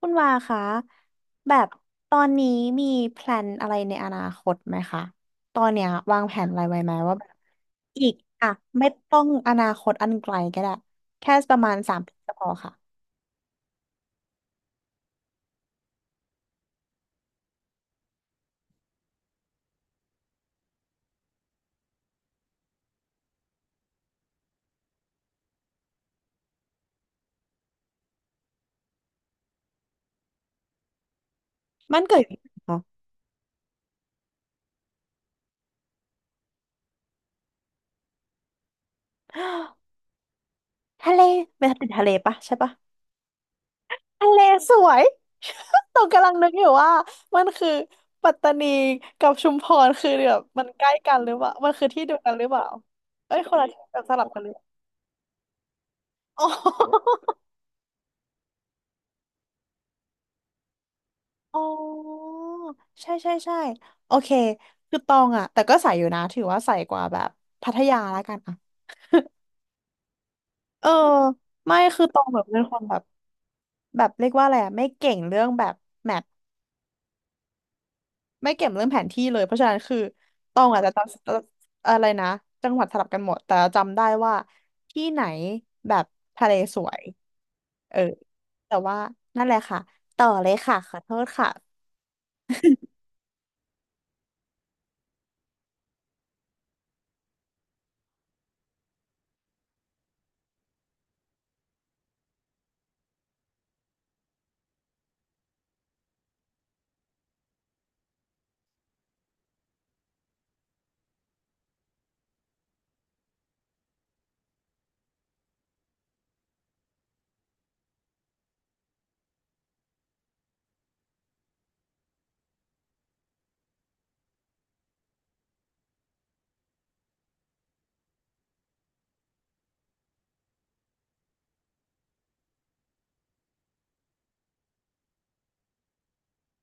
คุณวาคะแบบตอนนี้มีแพลนอะไรในอนาคตไหมคะตอนเนี้ยวางแผนอะไรไว้ไหมว่าแบบอีกอ่ะไม่ต้องอนาคตอันไกลก็ได้แค่ประมาณสามปีก็พอค่ะมันเกิดอยู่ที่ไหนคะ ทะเลไปติดทะเลปะใช่ปะทะเลสวย ตกงกำลังนึกอยู่ว่ามันคือปัตตานีกับชุมพรคือแบบมันใกล้กันหรือเปล่ามันคือที่เดียวกันหรือเปล่าเอ้ยคนละที่แบบสลับกันหรือเปล่าอ๋อ อ๋อใช่ใช่ใช่โอเคคือตองอะแต่ก็ใส่อยู่นะถือว่าใส่กว่าแบบพัทยาแล้วกันอะเออไม่คือตองแบบเป็นคนแบบแบบเรียกว่าอะไรอะไม่เก่งเรื่องแบบแมปไม่เก่งเรื่องแผนที่เลยเพราะฉะนั้นคือตองอาจจะจำอะไรนะจังหวัดสลับกันหมดแต่จำได้ว่าที่ไหนแบบทะเลสวยเออแต่ว่านั่นแหละค่ะต่อเลยค่ะขอโทษค่ะ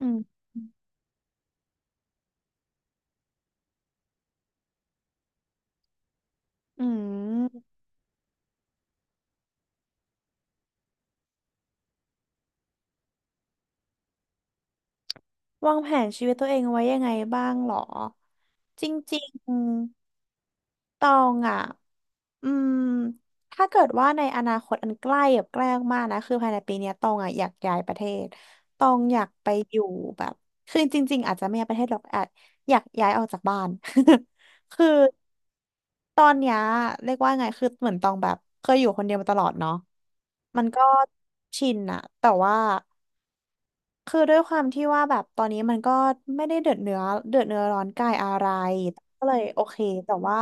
อืมอืม วางแผนชีวิตตัวเองไว้ยังไงบ้างหรอจริงๆตองอ่ะอืมถ้าเกิดว่าในอนาคตอันใกล้แบบใกล้มากๆนะคือภายในปีเนี้ยตองอ่ะอยากย้ายประเทศตองอยากไปอยู่แบบคือจริงๆอาจจะไม่ย้ายประเทศหรอกอาจอยากย้ายออกจากบ้าน คือตอนเนี้ยเรียกว่าไงคือเหมือนตองแบบเคยอยู่คนเดียวมาตลอดเนาะมันก็ชินอะแต่ว่า คือด้วยความที่ว่าแบบตอนนี้มันก็ไม่ได้เดือดเนื้อร้อนกายอะไรก็เลยโอเคแต่ว่า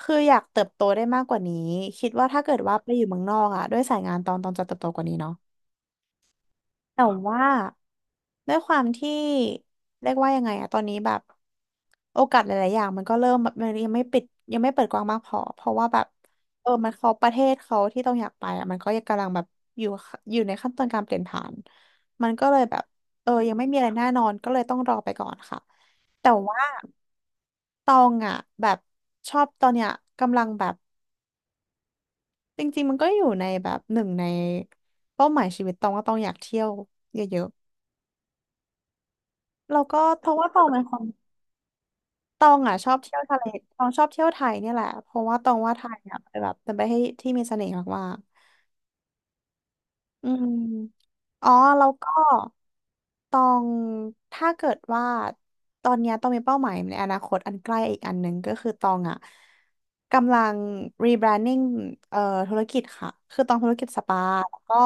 คืออยากเติบโตได้มากกว่านี้คิดว่าถ้าเกิดว่าไปอยู่เมืองนอกอะด้วยสายงานตอนจะเติบโตกว่านี้เนาะ แต่ว่าด้วยความที่เรียกว่ายังไงอะตอนนี้แบบโอกาสหลายๆอย่างมันก็เริ่มแบบมันยังไม่ปิดยังไม่เปิดกว้างมากพอเพราะว่าแบบเออมันเขาประเทศเขาที่ต้องอยากไปอะมันก็ยังกำลังแบบอยู่อยู่ในขั้นตอนการเปลี่ยนผ่านมันก็เลยแบบเออยังไม่มีอะไรแน่นอนก็เลยต้องรอไปก่อนค่ะแต่ว่าตองอะแบบชอบตอนเนี้ยกำลังแบบจริงๆมันก็อยู่ในแบบหนึ่งในเป้าหมายชีวิตตองว่าตองอยากเที่ยวเยอะๆ แล้วก็เพราะว่าตองเป็นคนตองอ่ะชอบเที่ยวทะเลตองชอบเที่ยวไทยเนี่ยแหละเพราะว่าตองว่าไทยอ่ะเป็นแบบเป็นประเทศที่มีเสน่ห์มากๆอืมอ๋อแล้วก็ตองถ้าเกิดว่าตอนเนี้ยตองมีเป้าหมายในอนาคตอันใกล้อีกอันหนึ่งก็คือตองอ่ะกำลัง rebranding เอ่อธุรกิจค่ะคือตองธุรกิจสปาแล้วก็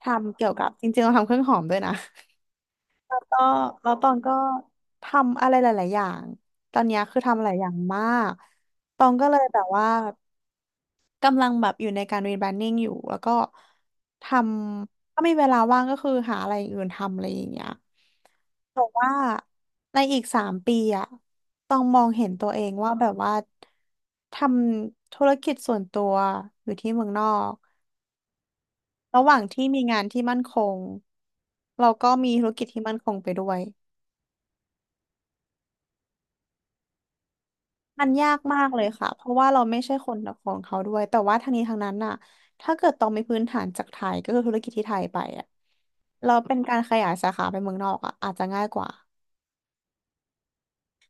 ทำเกี่ยวกับจริงๆเราทำเครื่องหอมด้วยนะ ก็แล้วตองก็ทำอะไรหลายๆอย่างตอนเนี้ยคือทำหลายอย่างมากตองก็เลยแบบว่ากำลังแบบอยู่ในการรีแบรนดิ้งอยู่แล้วก็ทำถ้ามีเวลาว่างก็คือหาอะไรอย่างอื่นทำอะไรอย่างเงี้ยแต่ว่าในอีกสามปีอะต้องมองเห็นตัวเองว่าแบบว่าทำธุรกิจส่วนตัวอยู่ที่เมืองนอกระหว่างที่มีงานที่มั่นคงเราก็มีธุรกิจที่มั่นคงไปด้วย มันยากมากเลยค่ะ เพราะว่าเราไม่ใช่คนของเขาด้วย แต่ว่าทั้งนี้ทั้งนั้นน่ะถ้าเกิดตองมีพื้นฐานจากไทย ก็คือธุรกิจที่ไทยไปอ่ะเราเป็นการขยายสาขาไปเมืองนอกอ่ะอาจจะง่ายกว่า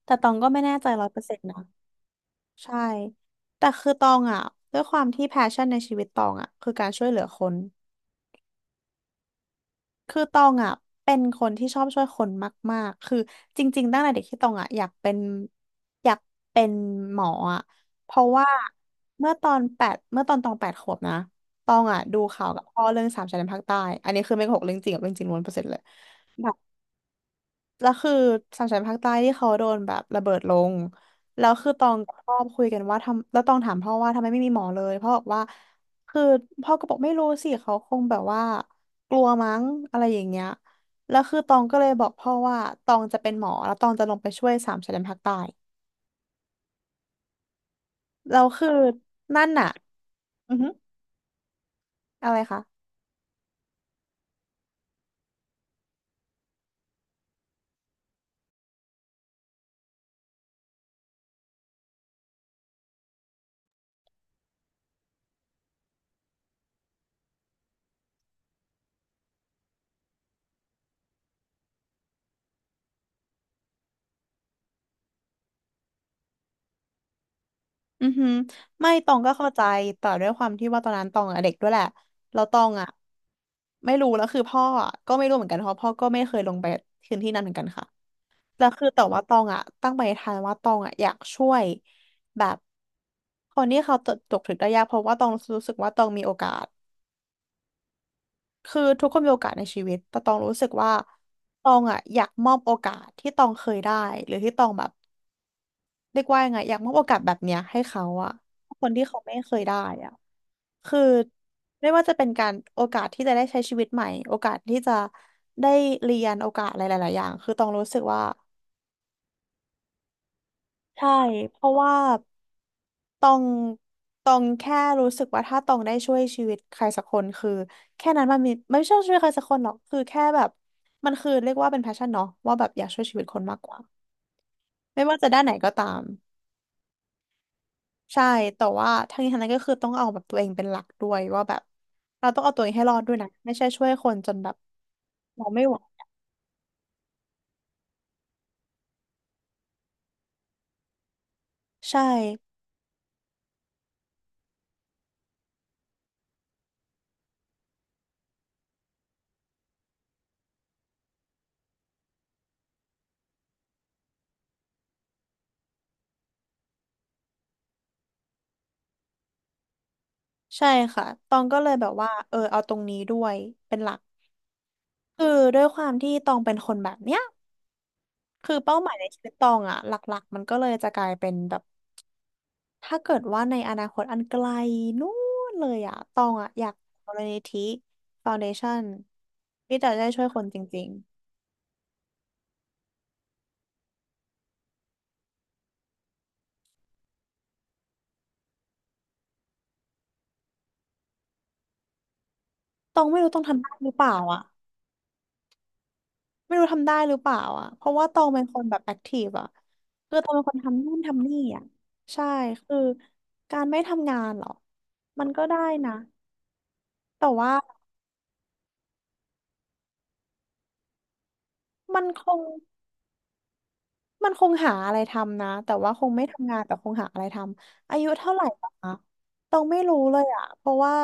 แต่ตองก็ไม่แน่ใจ100%นะ ใช่ แต่คือตองอ่ะด้วยความที่แพชชั่นในชีวิตตองอ่ะคือการช่วยเหลือคน คือตองอ่ะเป็นคนที่ชอบช่วยคนมากๆ คือจริงๆ ตั้งแต่เด็กที่ตองอ่ะอยากเป็นหมออ่ะเพราะว่าเมื่อตอนตอง8 ขวบนะตองอ่ะดูข่าวกับพ่อเรื่องสามชายแดนภาคใต้อันนี้คือไม่โกหกเรื่องจริงกับเรื่องจริงล้วนเปอร์เซ็นต์เลย แล้วคือสามชันภาคใต้ที่เขาโดนแบบระเบิดลงแล้วคือตองกับพ่อคุยกันว่าทำแล้วตองถามพ่อว่าทำไมไม่มีหมอเลยพ่อบอกว่าคือพ่อก็บอกไม่รู้สิเขาคงแบบว่ากลัวมั้งอะไรอย่างเงี้ยแล้วคือตองก็เลยบอกพ่อว่าตองจะเป็นหมอแล้วตองจะลงไปช่วยสามชายแดนภาคใต้แล้วคือนั่นน่ะอือฮึอะไรคะ อือหือไม่ตองก็เข้าใจแต่ด้วยความที่ว่าตอนนั้นตองอะเด็กด้วยแหละแล้วตองอะไม่รู้แล้วคือพ่ออะก็ไม่รู้เหมือนกันเพราะพ่อก็ไม่เคยลงไปพื้นที่นั้นเหมือนกันค่ะแล้วคือแต่ว่าตองอะตั้งปณิธานว่าตองอะอยากช่วยแบบคนที่เขาตกถึงได้ยากเพราะว่าตองรู้สึกว่าตองมีโอกาสคือทุกคนมีโอกาสในชีวิตแต่ตองรู้สึกว่าตองอะอยากมอบโอกาสที่ตองเคยได้หรือที่ตองแบบ เรียกว่ายังไงอยากมอบโอกาสแบบเนี้ยให้เขาอะคนที่เขาไม่เคยได้อะคือไม่ว่าจะเป็นการโอกาสที่จะได้ใช้ชีวิตใหม่โอกาสที่จะได้เรียนโอกาสอะไรหลายๆอย่างคือต้องรู้สึกว่าใช่เพราะว่าตองตองแค่รู้สึกว่าถ้าตองได้ช่วยชีวิตใครสักคนคือแค่นั้นมันมีไม่ใช่ช่วยใครสักคนหรอกคือแค่แบบมันคือเรียกว่าเป็นแพชชั่นเนาะว่าแบบอยากช่วยชีวิตคนมากกว่าไม่ว่าจะด้านไหนก็ตาม ใช่ แต่ว่าทั้งนี้ทั้งนั้นก็คือต้องเอาแบบตัวเองเป็นหลักด้วยว่าแบบเราต้องเอาตัวเองให้รอดด้วยนะไม่ใช่ช่วยคนจนแบบเราไม่ไหวใช่ใช่ค่ะตองก็เลยแบบว่าเออเอาตรงนี้ด้วยเป็นหลักคือด้วยความที่ตองเป็นคนแบบเนี้ยคือเป้าหมายในชีวิตตองอะหลักๆมันก็เลยจะกลายเป็นแบบถ้าเกิดว่าในอนาคตอันไกลนู่นเลยอะตองอะอยากมูลนิธิฟาวเดชั่นที่จะได้ช่วยคนจริงๆตองไม่รู้ต้องทำได้หรือเปล่าอะ ไม่รู้ทำได้หรือเปล่าอ่ะ เพราะว่าตองเป็นคนแบบแอคทีฟอ่ะคือตองเป็นคนทำนู่นทำนี่อ่ะใช่คือการไม่ทำงานเหรอมันก็ได้นะแต่ว่ามันคงมันคงหาอะไรทำนะ แต่ว่าคงไม่ทำงานแต่คงหาอะไรทำอายุเท่าไหร่ปะคะตองไม่รู้เลยอ่ะเพราะว่า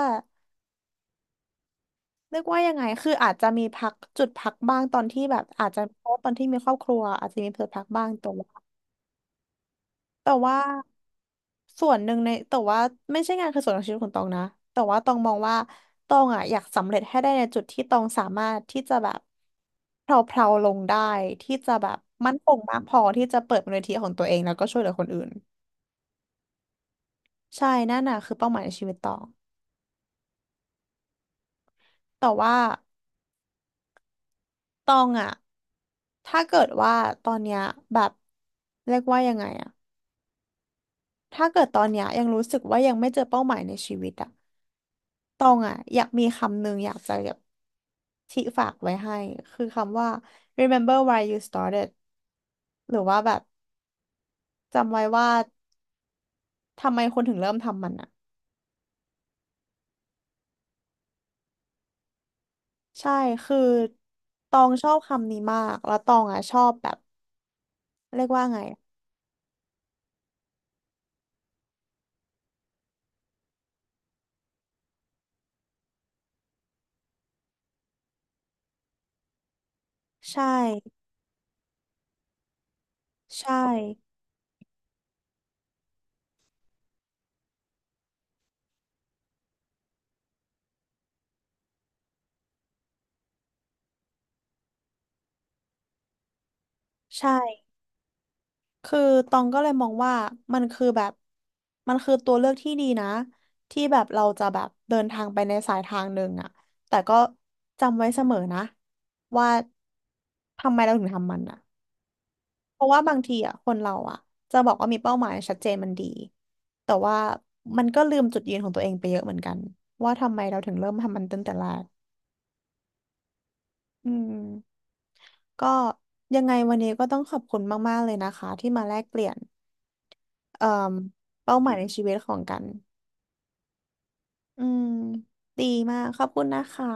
เรียกว่ายังไง คืออาจจะมีพักจุดพักบ้างตอนที่แบบอาจจะเพราะว่าตอนที่มีครอบครัวอาจจะมีเผลอพักบ้างตัว แต่ว่าส่วนหนึ่งในแต่ว่าไม่ใช่งานคือส่วนของชีวิตของตองนะแต่ว่าตองมองว่าตองอ่ะอยากสำเร็จให้ได้ในจุดที่ตองสามารถที่จะแบบเพลาๆลาลงได้ที่จะแบบมั่นคงมากพอที่จะเปิดมูลนิธิของตัวเองแล้วก็ช่วยเหลือคนอื่นใช่นั่นน่ะคือเป้าหมายในชีวิตตองแต่ว่าตองอ่ะถ้าเกิดว่าตอนเนี้ยแบบเรียกว่ายังไงอ่ะถ้าเกิดตอนเนี้ยยังรู้สึกว่ายังไม่เจอเป้าหมายในชีวิตอ่ะตองอ่ะอยากมีคำหนึ่งอยากจะ ที่ฝากไว้ให้คือคำว่า remember why you started หรือว่าแบบจำไว้ว่าทำไมคนถึงเริ่มทำมันอ่ะใช่ คือตองชอบคำนี้มาก แล้วตองอ่ะชอบแบบเรียกว่าไงใช่ใช่ใช่คือตองก็เลยมองว่ามันคือแบบมันคือตัวเลือกที่ดีนะที่แบบเราจะแบบเดินทางไปในสายทางหนึ่งอ่ะแต่ก็จำไว้เสมอนะว่าทำไมเราถึงทำมันอ่ะ เพราะว่าบางทีอ่ะคนเราอ่ะจะบอกว่ามีเป้าหมายชัดเจนมันดีแต่ว่ามันก็ลืมจุดยืนของตัวเองไปเยอะเหมือนกันว่าทำไมเราถึงเริ่มทำมันตั้งแต่แรกอืมก็ยังไงวันนี้ก็ต้องขอบคุณมากๆเลยนะคะที่มาแลกเปลี่ยนเอ่อเป้าหมายในชีวิตของกันอืมดีมากขอบคุณนะคะ